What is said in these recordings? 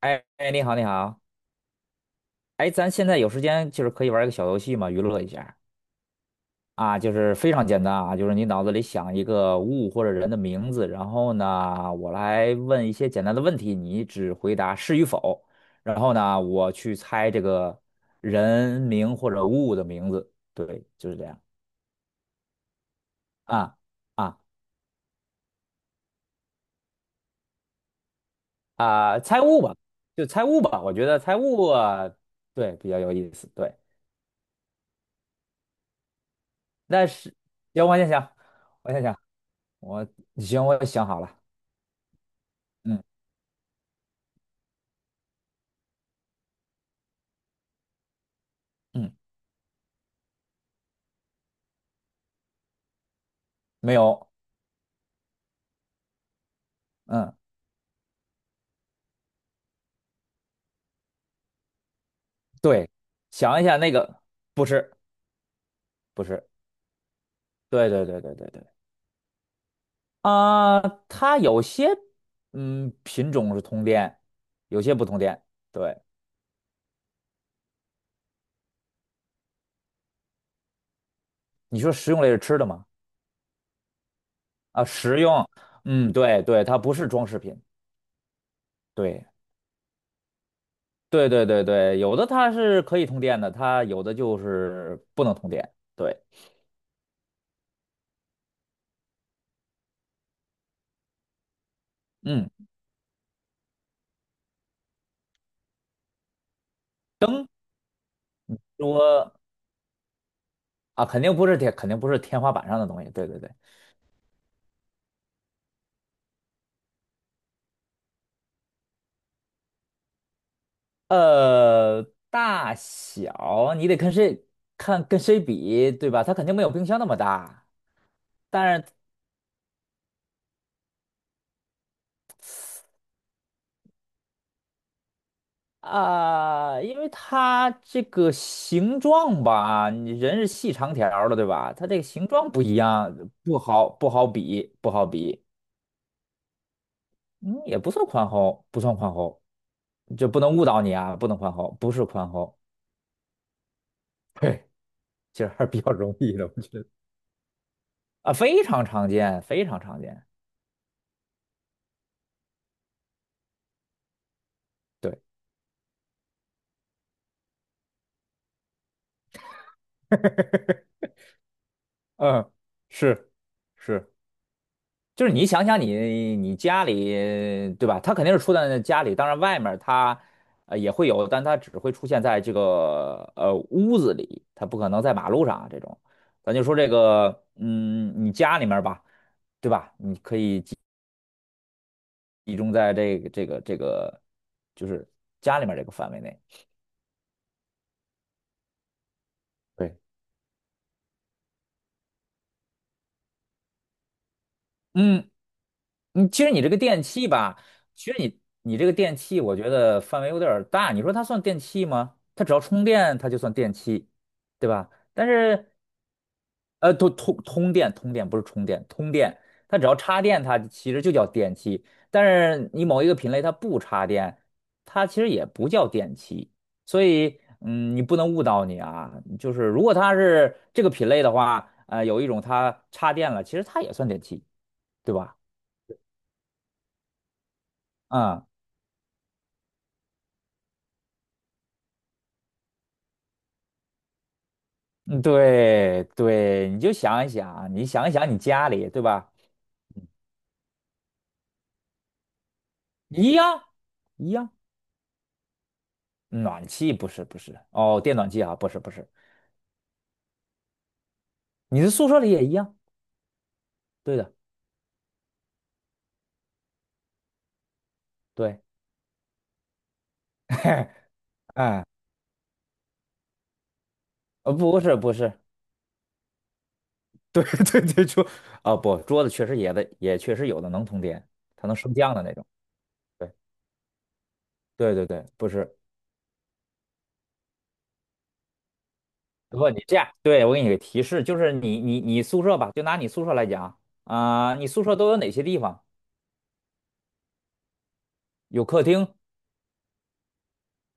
哎哎，你好，你好，哎，咱现在有时间，就是可以玩一个小游戏嘛，娱乐一下啊，就是非常简单啊，就是你脑子里想一个物或者人的名字，然后呢，我来问一些简单的问题，你只回答是与否，然后呢，我去猜这个人名或者物的名字，对，就是这样啊啊啊，猜物吧，就猜物吧，我觉得猜物啊对，比较有意思，对，但是行，我先想，我先想。我行，我想好了。嗯嗯，没有。嗯，对，想一下那个，不是不是，对对对对对对。啊、它有些嗯品种是通电，有些不通电。对，你说食用类是吃的吗？啊，食用。嗯，对对，它不是装饰品。对对对对对，有的它是可以通电的，它有的就是不能通电。对，嗯，如果啊，肯定不是天，肯定不是天花板上的东西。对对对。呃，大小你得跟谁看跟谁比，对吧？它肯定没有冰箱那么大，但是啊、因为它这个形状吧，你人是细长条儿的，对吧？它这个形状不一样，不好比，不好比。嗯，也不算宽厚，不算宽厚，就不能误导你啊，不能宽厚，不是宽厚。嘿，其实还是比较容易的，我觉得啊，非常常见，非常常见。对。嗯，是是，就是你想想你家里对吧？他肯定是出现在家里，当然外面他也会有，但他只会出现在这个屋子里，他不可能在马路上啊这种。咱就说这个，嗯，你家里面儿吧，集中在这个，就是家里面儿这个范围内。对，嗯，你其实你这个电器吧，其实你这个电器，我觉得范围有点儿大。你说它算电器吗？它只要充电，它就算电器，对吧？但是，通电，通电不是充电，通电，它只要插电，它其实就叫电器。但是你某一个品类它不插电，它其实也不叫电器。所以，嗯，你不能误导你啊。就是如果它是这个品类的话，有一种它插电了，其实它也算电器，对吧？嗯。嗯，对对，你就想一想啊，你想一想你家里，对吧？一样一样，暖气不是，哦，电暖气啊，不是，你的宿舍里也一样，对的，对，哎，不是，对 对对，桌，哦不，桌子确实也的，也确实有的能通电，它能升降的那种，对对对对，不是，不你这样，对，我给你个提示，就是你宿舍吧，就拿你宿舍来讲啊，啊你宿舍都有哪些地方？有客厅，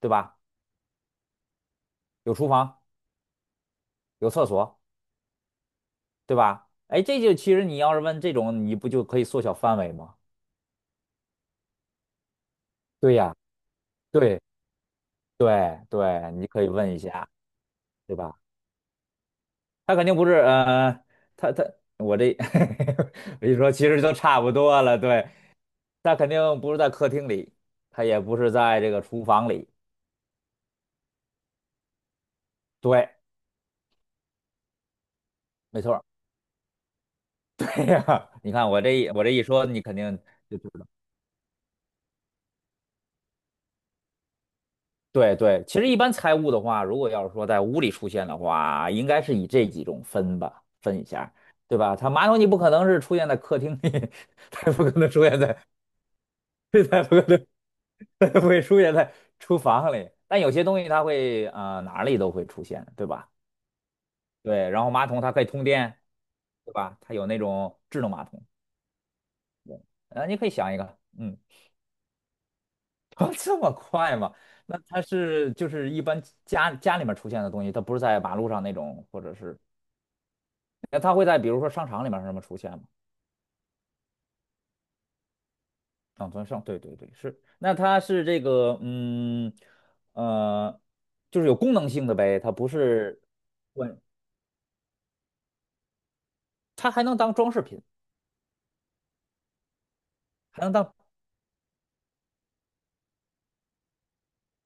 对吧？有厨房。有厕所，对吧？哎，这就其实你要是问这种，你不就可以缩小范围吗？对呀，对对对，你可以问一下，对吧？他肯定不是，他我这 我一说，其实都差不多了。对，他肯定不是在客厅里，他也不是在这个厨房里。对，没错儿。哎呀你看我这一说，你肯定就知道对对，其实一般财务的话，如果要是说在屋里出现的话，应该是以这几种分吧，分一下，对吧？它马桶你不可能是出现在客厅里，它也不可能出现在，它也不可能，它也不会出现在厨房里。但有些东西它会啊，哪里都会出现，对吧？对，然后马桶它可以通电，对吧？它有那种智能马桶，啊，你可以想一个，嗯，这么快吗？那它是就是一般家里面出现的东西，它不是在马路上那种，或者是。那它会在比如说商场里面什么出现吗？长存胜，对对对，是。那它是这个，嗯，呃，就是有功能性的呗，它不是，对，它还能当装饰品，还能当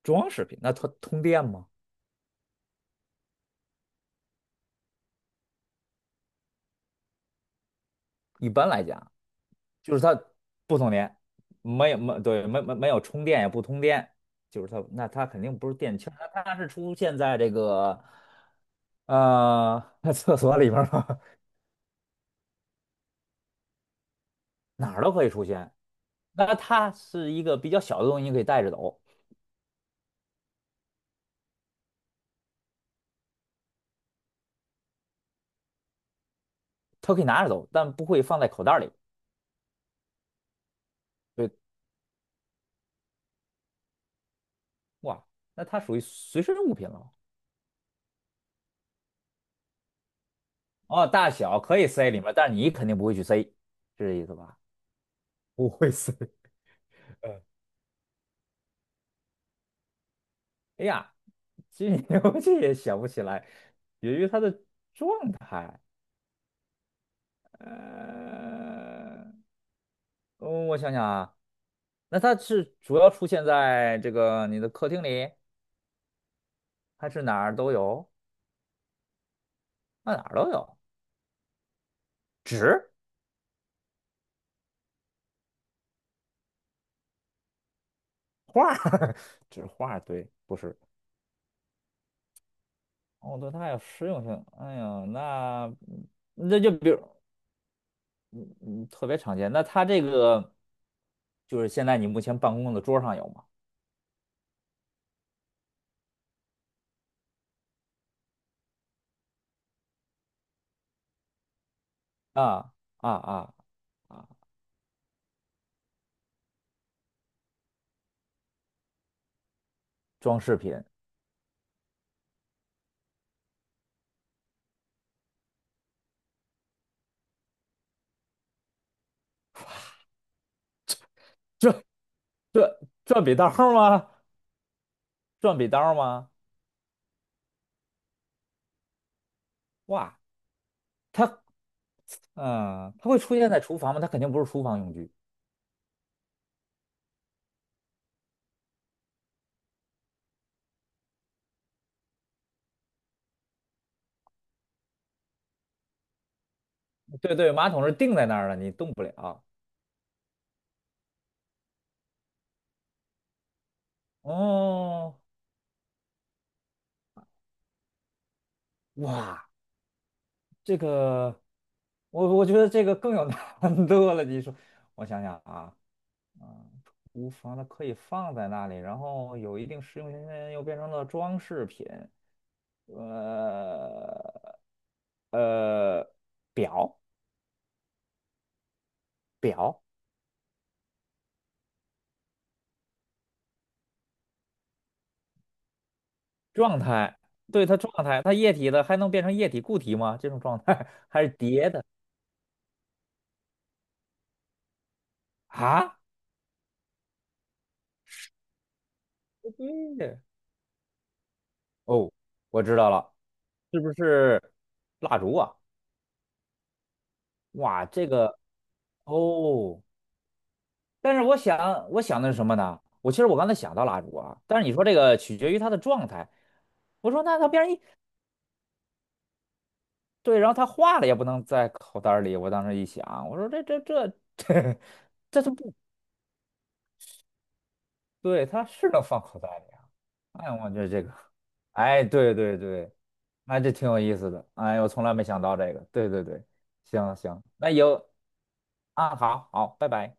装饰品。那它通电吗？一般来讲，就是它不通电，没有没对，没有充电也不通电，就是它，那它肯定不是电器儿那它是出现在这个，呃，厕所里面儿吗？哪儿都可以出现。那它是一个比较小的东西，你可以带着走，它可以拿着走，但不会放在口袋里。对，哇，那它属于随身物品了。哦，大小可以塞里面，但是你肯定不会去塞，是这意思吧？不会塞。嗯，哎呀，这 我这也想不起来，由于它的状态，呃，嗯我想想啊，那它是主要出现在这个你的客厅里，还是哪儿都有？那哪儿都有。纸画儿，纸画儿，对，不是。哦，对，它有实用性。哎呀，那那就比如，嗯特别常见。那它这个就是现在你目前办公的桌上有吗？啊啊啊啊！装饰品，转转笔刀儿吗？转笔刀儿吗？哇，它嗯，它会出现在厨房吗？它肯定不是厨房用具。对对，马桶是定在那儿了，你动不了。哦，哇，这个，我觉得这个更有难度了。你说，我想想啊，嗯，厨房它可以放在那里，然后有一定实用性，又变成了装饰品，呃呃，表状态，对它状态，它液体的还能变成液体固体吗？这种状态 还是叠的啊？不对，哦，我知道了，是不是蜡烛啊？哇，这个哦。但是我想，我想的是什么呢？我其实我刚才想到蜡烛啊，但是你说这个取决于它的状态。我说那它变成一对，然后它化了也不能在口袋儿里。我当时一想，我说这 这这都不对，它是能放口袋里啊。哎，我觉得这个，哎，对对对，哎，这挺有意思的。哎，我从来没想到这个。对对对，行行，那有啊，好好，拜拜。